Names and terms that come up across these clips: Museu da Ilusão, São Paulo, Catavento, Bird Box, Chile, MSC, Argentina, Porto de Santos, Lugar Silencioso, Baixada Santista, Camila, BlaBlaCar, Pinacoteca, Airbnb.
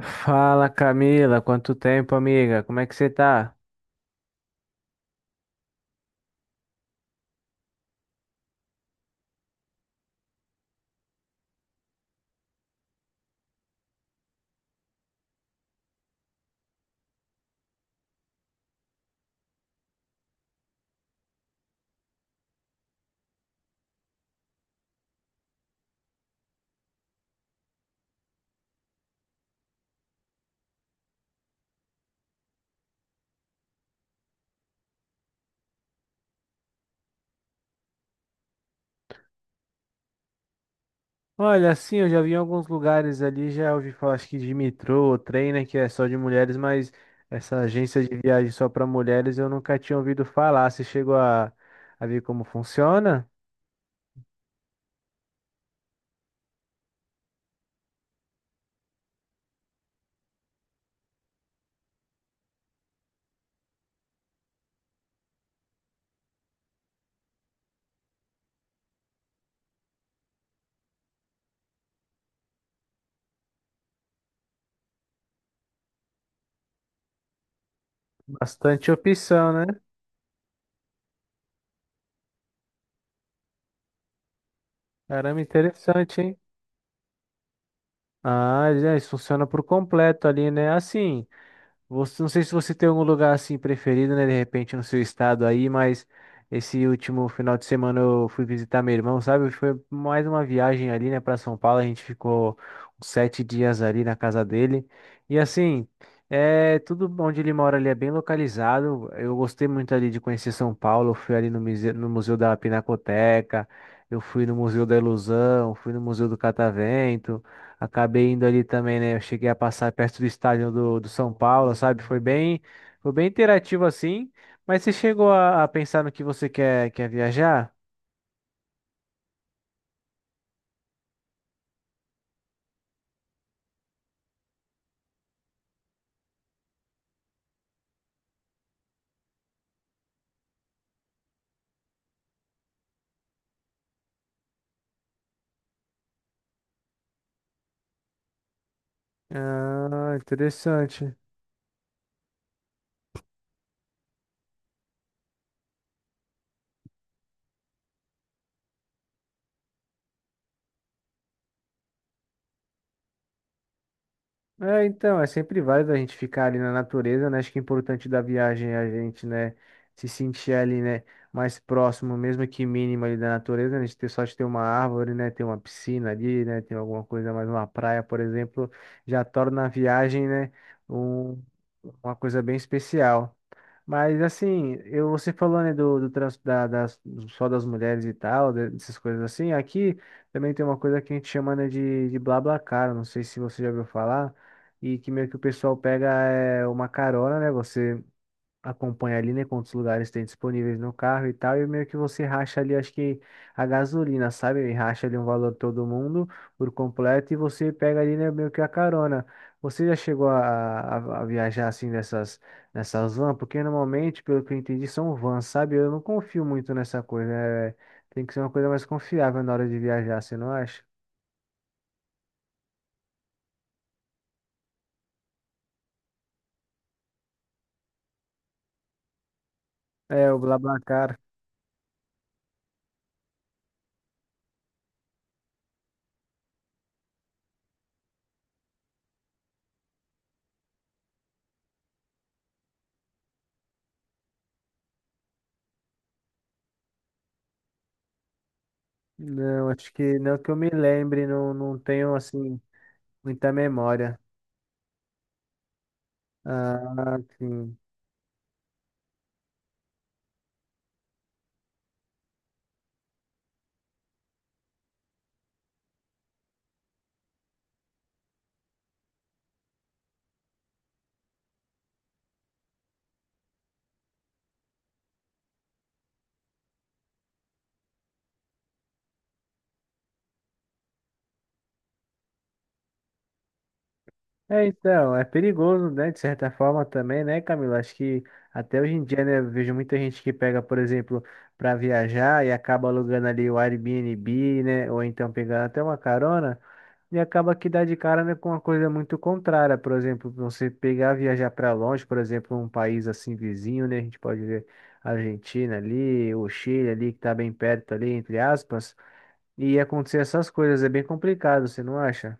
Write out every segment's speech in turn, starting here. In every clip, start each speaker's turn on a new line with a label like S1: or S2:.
S1: Fala, Camila, quanto tempo, amiga? Como é que você tá? Olha, assim, eu já vi em alguns lugares ali, já ouvi falar, acho que de metrô, trem, né, que é só de mulheres, mas essa agência de viagem só para mulheres eu nunca tinha ouvido falar. Você chegou a ver como funciona? Bastante opção, né? Caramba, interessante, hein? Ah, já, isso funciona por completo ali, né? Assim. Você, não sei se você tem algum lugar assim preferido, né? De repente no seu estado aí, mas esse último final de semana eu fui visitar meu irmão, sabe? Foi mais uma viagem ali, né, para São Paulo. A gente ficou uns sete dias ali na casa dele. E assim, é tudo onde ele mora ali é bem localizado. Eu gostei muito ali de conhecer São Paulo. Eu fui ali no museu, no Museu da Pinacoteca, eu fui no Museu da Ilusão, fui no Museu do Catavento. Acabei indo ali também, né? Eu cheguei a passar perto do estádio do São Paulo, sabe? Foi bem interativo assim. Mas você chegou a pensar no que você quer viajar? Ah, interessante. É, então, é sempre válido a gente ficar ali na natureza, né? Acho que o importante da viagem é a gente, né, se sentir ali, né, mais próximo, mesmo que mínimo ali da natureza, né? A gente ter sorte de ter uma árvore, né, ter uma piscina ali, né, ter alguma coisa mais, uma praia, por exemplo, já torna a viagem, né, um- uma coisa bem especial. Mas, assim, eu, você falou, né, do só das mulheres e tal, dessas coisas assim, aqui também tem uma coisa que a gente chama, né, de BlaBlaCar, não sei se você já ouviu falar. E que meio que o pessoal pega é, uma carona, né? Você acompanha ali, né? Quantos lugares tem disponíveis no carro e tal. E meio que você racha ali, acho que a gasolina, sabe? E racha ali um valor todo mundo por completo. E você pega ali, né? Meio que a carona. Você já chegou a viajar assim nessas vans? Porque normalmente, pelo que eu entendi, são vans, sabe? Eu não confio muito nessa coisa. É, tem que ser uma coisa mais confiável na hora de viajar, você não acha? É, o BlaBlaCar. Não, acho que não que eu me lembre, não, não tenho assim muita memória. Ah, sim. É, então, é perigoso, né? De certa forma também, né, Camila? Acho que até hoje em dia, né, eu vejo muita gente que pega, por exemplo, para viajar e acaba alugando ali o Airbnb, né? Ou então pegando até uma carona. E acaba que dá de cara, né, com uma coisa muito contrária. Por exemplo, você pegar, viajar para longe, por exemplo, um país assim vizinho, né? A gente pode ver a Argentina ali, o Chile ali, que tá bem perto ali, entre aspas, e acontecer essas coisas. É bem complicado, você não acha?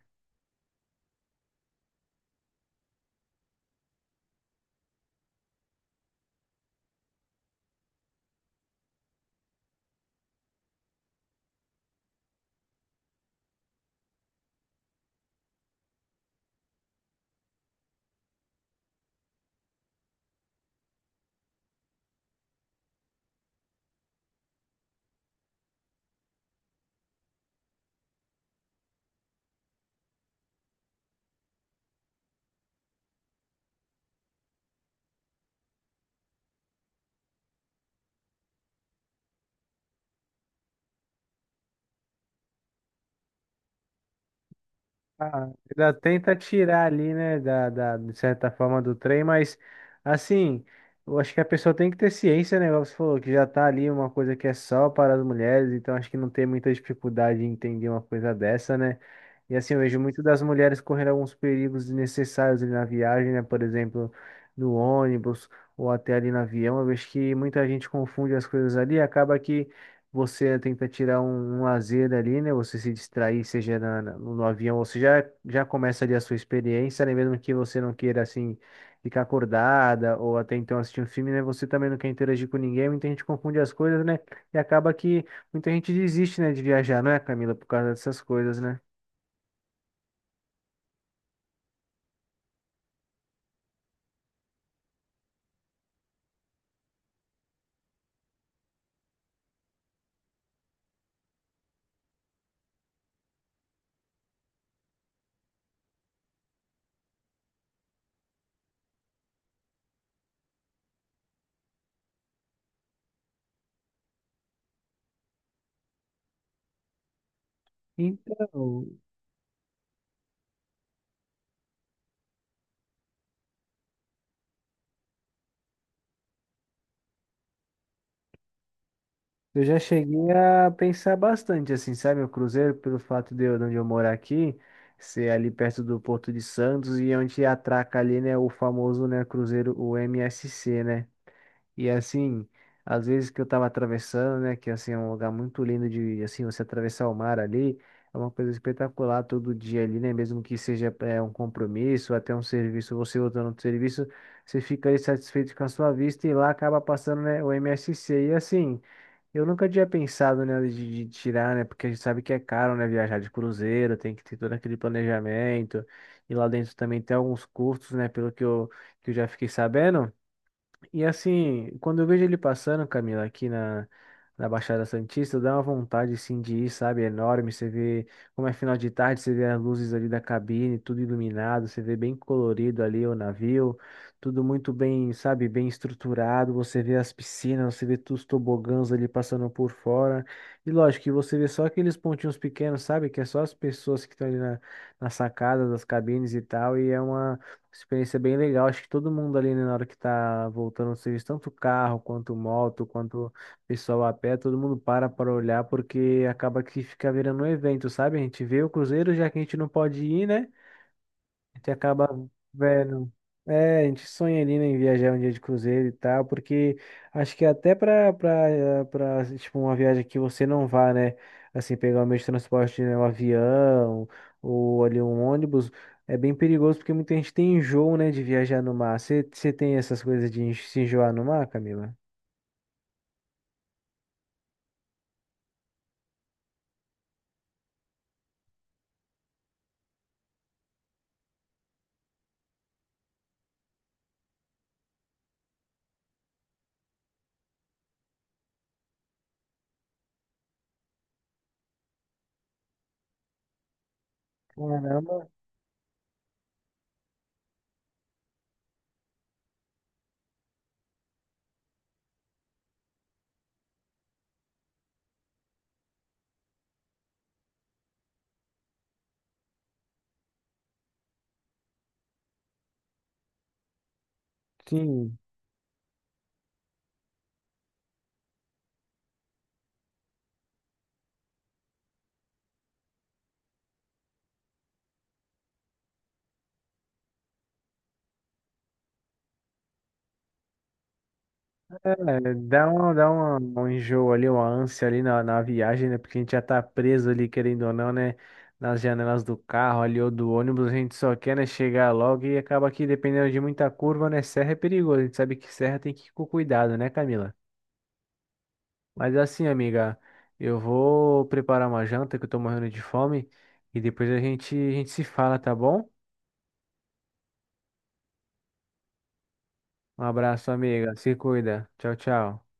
S1: Ah, ainda tenta tirar ali, né, de certa forma do trem, mas assim, eu acho que a pessoa tem que ter ciência, né? Igual você falou que já tá ali uma coisa que é só para as mulheres, então acho que não tem muita dificuldade em entender uma coisa dessa, né? E assim, eu vejo muito das mulheres correndo alguns perigos desnecessários ali na viagem, né? Por exemplo, no ônibus ou até ali no avião. Eu vejo que muita gente confunde as coisas ali, e acaba que você tenta tirar um lazer ali, né? Você se distrair, seja no avião, você já começa ali a sua experiência, né? Mesmo que você não queira, assim, ficar acordada ou até então assistir um filme, né? Você também não quer interagir com ninguém, muita gente confunde as coisas, né? E acaba que muita gente desiste, né, de viajar, não é, Camila? Por causa dessas coisas, né? Então, eu já cheguei a pensar bastante, assim, sabe? O cruzeiro, pelo fato de eu, de onde eu morar aqui, ser ali perto do Porto de Santos e onde atraca ali, né, o famoso, né, cruzeiro, o MSC, né? E assim, às vezes que eu tava atravessando, né, que assim é um lugar muito lindo de assim você atravessar o mar ali, é uma coisa espetacular todo dia ali, né, mesmo que seja é, um compromisso, até um serviço, você voltando do serviço, você fica ali satisfeito com a sua vista e lá acaba passando, né, o MSC. E assim, eu nunca tinha pensado, né, de tirar, né, porque a gente sabe que é caro, né, viajar de cruzeiro, tem que ter todo aquele planejamento. E lá dentro também tem alguns custos, né, pelo que que eu já fiquei sabendo. E assim, quando eu vejo ele passando, Camila, aqui na, na Baixada Santista, dá uma vontade assim de ir, sabe? É enorme. Você vê como é final de tarde, você vê as luzes ali da cabine, tudo iluminado, você vê bem colorido ali o navio, tudo muito bem, sabe? Bem estruturado. Você vê as piscinas, você vê todos os tobogãs ali passando por fora. E lógico que você vê só aqueles pontinhos pequenos, sabe? Que é só as pessoas que estão ali na, na sacada das cabines e tal. E é uma. Experiência bem legal. Acho que todo mundo ali, né, na hora que tá voltando ao serviço, tanto carro quanto moto, quanto pessoal a pé, todo mundo para para olhar, porque acaba que fica virando um evento, sabe? A gente vê o cruzeiro, já que a gente não pode ir, né? A gente acaba vendo. É, a gente sonha ali, né, em viajar um dia de cruzeiro e tal, porque acho que até tipo, uma viagem que você não vá, né, assim, pegar o meio de transporte, né, um avião ou ali um ônibus, é bem perigoso porque muita gente tem enjoo, né, de viajar no mar. Você tem essas coisas de se enjoar no mar, Camila? Caramba, sim. É, dá um enjoo ali, uma ânsia ali na, na viagem, né? Porque a gente já tá preso ali, querendo ou não, né? Nas janelas do carro ali ou do ônibus, a gente só quer, né, chegar logo e acaba que, dependendo de muita curva, né? Serra é perigoso. A gente sabe que serra tem que ir com cuidado, né, Camila? Mas assim, amiga, eu vou preparar uma janta que eu tô morrendo de fome e depois a gente se fala, tá bom? Um abraço, amiga. Se cuida. Tchau, tchau.